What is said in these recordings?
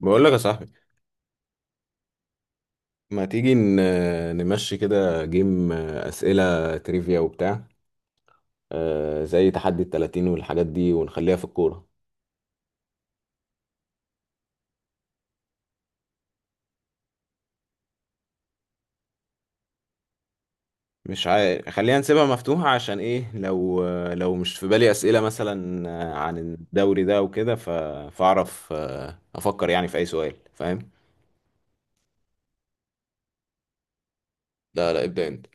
بقول لك يا صاحبي، ما تيجي نمشي كده جيم، أسئلة تريفيا وبتاع. زي تحدي التلاتين والحاجات دي ونخليها في الكورة. مش عارف، خلينا نسيبها مفتوحة، عشان ايه؟ لو مش في بالي أسئلة، مثلا عن الدوري ده وكده، فأعرف أفكر يعني في أي سؤال، فاهم؟ لا، لا، ابدأ انت.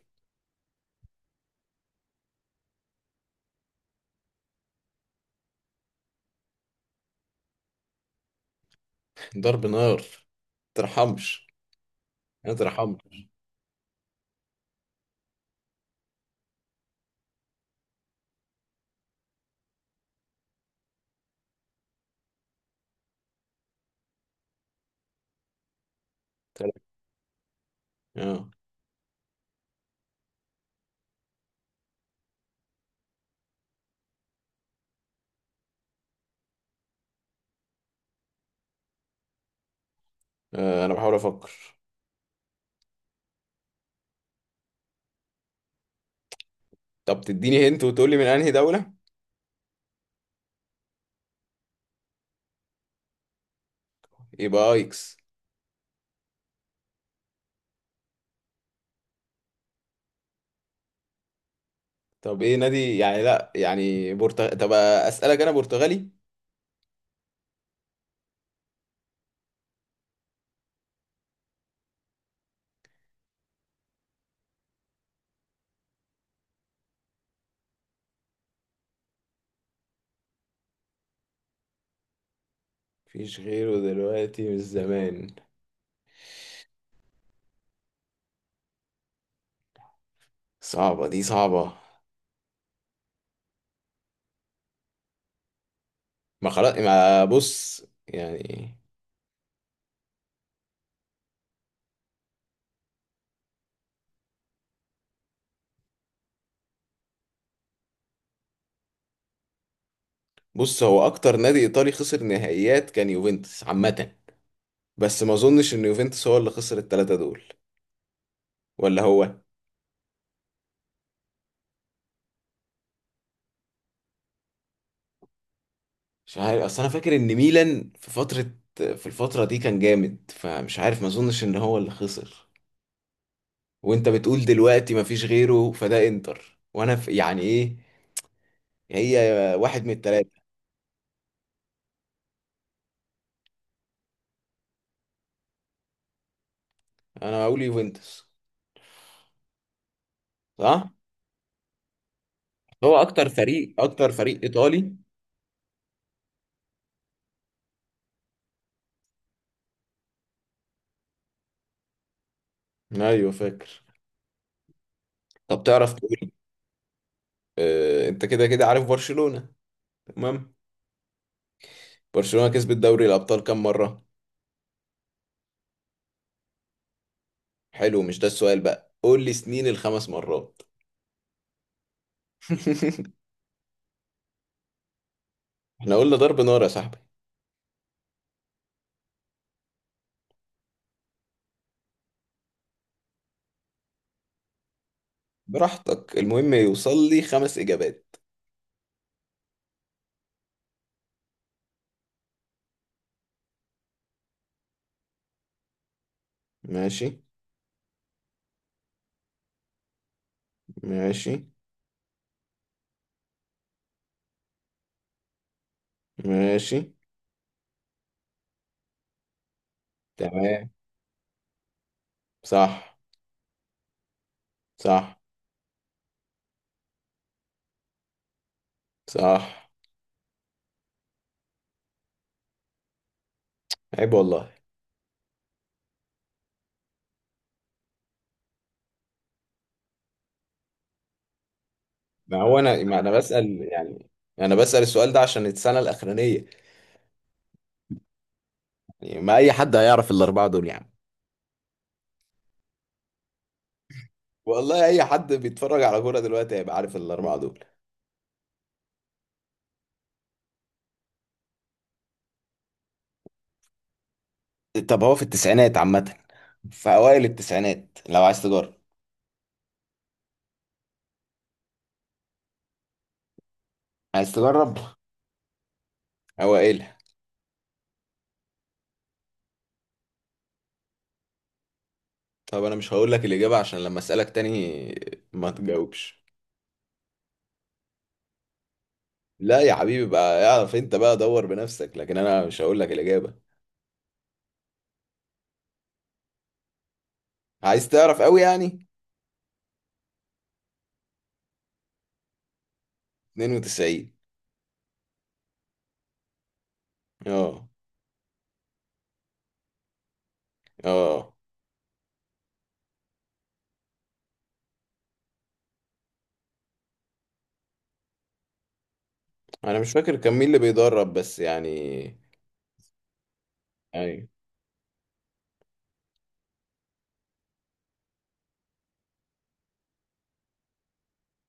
ضرب نار. ترحمش. ما ترحمش. اه. انا بحاول افكر. طب تديني هنت وتقولي من انهي دولة؟ يبقى ايكس. طب ايه نادي؟ يعني لا يعني طب اسألك، انا برتغالي؟ مفيش غيره دلوقتي، من زمان. صعبة، دي صعبة. ما خلاص، ما بص يعني. بص، هو اكتر نادي ايطالي خسر نهائيات كان يوفنتوس عامة. بس ما اظنش ان يوفنتوس هو اللي خسر التلاتة دول. ولا هو؟ مش عارف، اصل انا فاكر ان ميلان في فترة. في الفترة دي كان جامد، فمش عارف، ما اظنش ان هو اللي خسر. وانت بتقول دلوقتي ما فيش غيره، فده انتر، وانا يعني ايه؟ هي. واحد من الثلاثه. انا هقول يوفنتوس. صح. هو اكتر فريق ايطالي. ايوه، فاكر. طب تعرف تقول إيه؟ انت كده كده عارف برشلونه. تمام. برشلونه كسبت دوري الابطال كام مره؟ حلو، مش ده السؤال بقى، قول لي سنين الخمس مرات. احنا قلنا ضرب نار يا صاحبي. براحتك، المهم يوصل لي خمس اجابات. ماشي. ماشي. ماشي. تمام. صح. صح. صح. عيب والله. ما هو انا، ما انا بسأل يعني. انا بسأل السؤال ده عشان السنة الأخرانية. يعني ما اي حد هيعرف الأربعة دول، يعني. والله، اي حد بيتفرج على كورة دلوقتي هيبقى عارف الأربعة دول. طب هو في التسعينات عامة. في أوائل التسعينات، لو عايز تجرب. عايز تجرب؟ أوائلها. طب أنا مش هقول لك الإجابة، عشان لما أسألك تاني ما تجاوبش. لا يا حبيبي، بقى اعرف أنت، بقى دور بنفسك، لكن أنا مش هقول لك الإجابة. عايز تعرف قوي يعني. 92. اه. اه، انا مش فاكر كان مين اللي بيدرب، بس يعني. ايوه.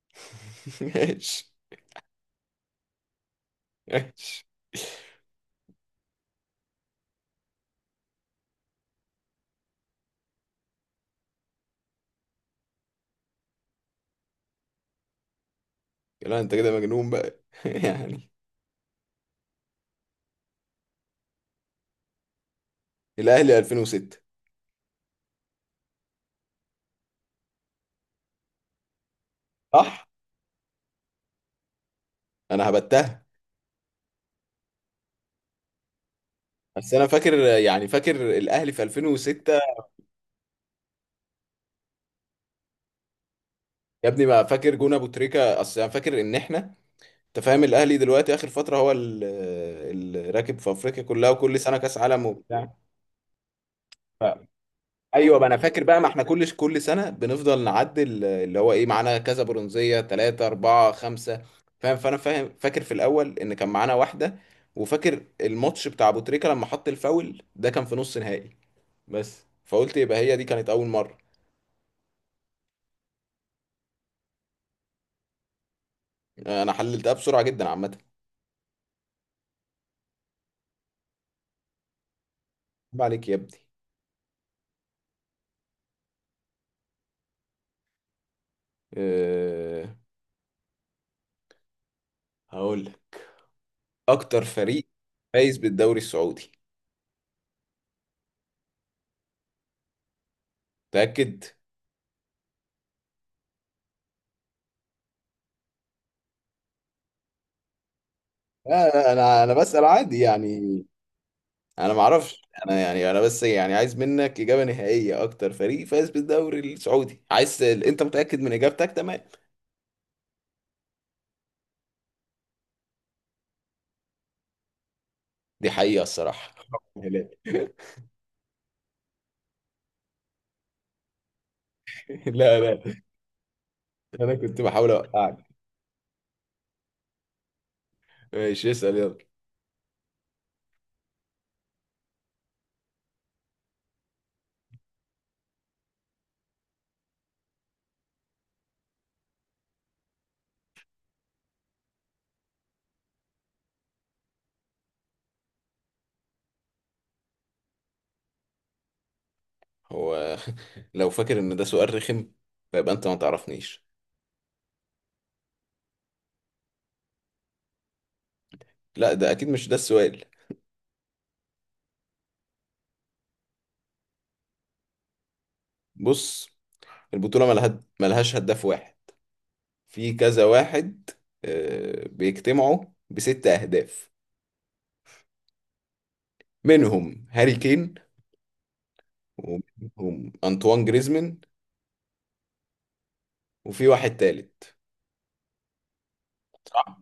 ماشي. ماشي. لا انت كده مجنون بقى، يعني. الاهلي 2006. صح، انا هبتها. بس انا فاكر، يعني فاكر الاهلي في 2006. يا ابني، ما فاكر جون ابو تريكة، اصل انا فاكر ان احنا. انت فاهم، الاهلي دلوقتي اخر فتره هو الراكب في افريقيا كلها، وكل سنه كاس عالم وبتاع. ايوه، ما انا فاكر بقى، ما احنا كل سنه بنفضل نعدل اللي هو ايه، معانا كذا برونزيه، ثلاثه اربعه خمسه. فاهم، فانا فاهم، فاكر في الاول ان كان معانا واحده. وفاكر الماتش بتاع ابو تريكه لما حط الفاول، ده كان في نص نهائي. بس فقلت يبقى هي دي كانت اول مره. انا حللتها بسرعه جدا، عامه. عيب عليك يا ابني. أه. هقول لك. اكتر فريق فايز بالدوري السعودي؟ تاكد. لا، لا، انا بسال عادي يعني. انا ما اعرفش، انا يعني، انا بس يعني عايز منك اجابه نهائيه، اكتر فريق فاز بالدوري السعودي، عايز انت متاكد من اجابتك؟ تمام. دي حقيقه الصراحه، لا. لا، لا، انا كنت بحاول اوقعك. ماشي، اسال يلا. هو، لو فاكر ان ده سؤال رخم، فيبقى انت ما تعرفنيش. لا ده اكيد مش ده السؤال. بص. البطوله ملهاش هداف واحد. في كذا واحد. بيجتمعوا بست اهداف. منهم هاري كين. ومنهم أنطوان جريزمان. وفي واحد تالت. صح.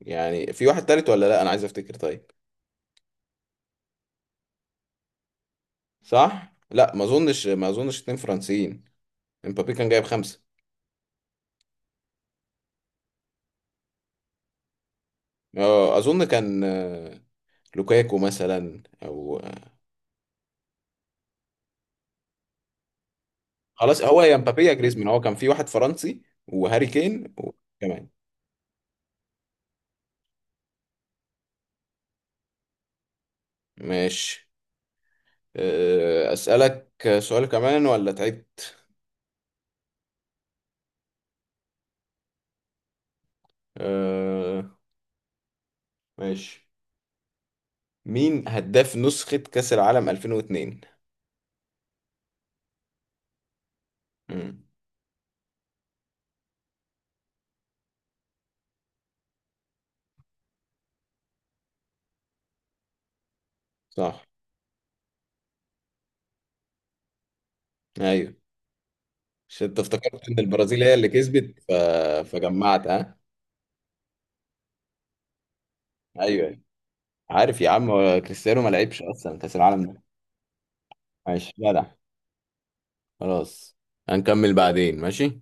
يعني في واحد تالت ولا لا، أنا عايز أفتكر، طيب. صح. لا، ما أظنش اتنين فرنسيين. امبابي كان جايب خمسة. أظن كان لوكاكو مثلا، أو خلاص، هو يا مبابي يا جريزمان، هو كان في واحد فرنسي. وهاري كين وكمان. ماشي. أسألك سؤال كمان ولا تعبت؟ آه، ماشي. مين هداف نسخة كأس العالم 2002؟ مم. صح. ايوه. عشان انت افتكرت ان البرازيل هي اللي كسبت فجمعت، ها. ايوه. عارف يا عم، هو كريستيانو ما لعبش اصلا كاس العالم ده. ماشي، جدع. خلاص. هنكمل بعدين، ماشي.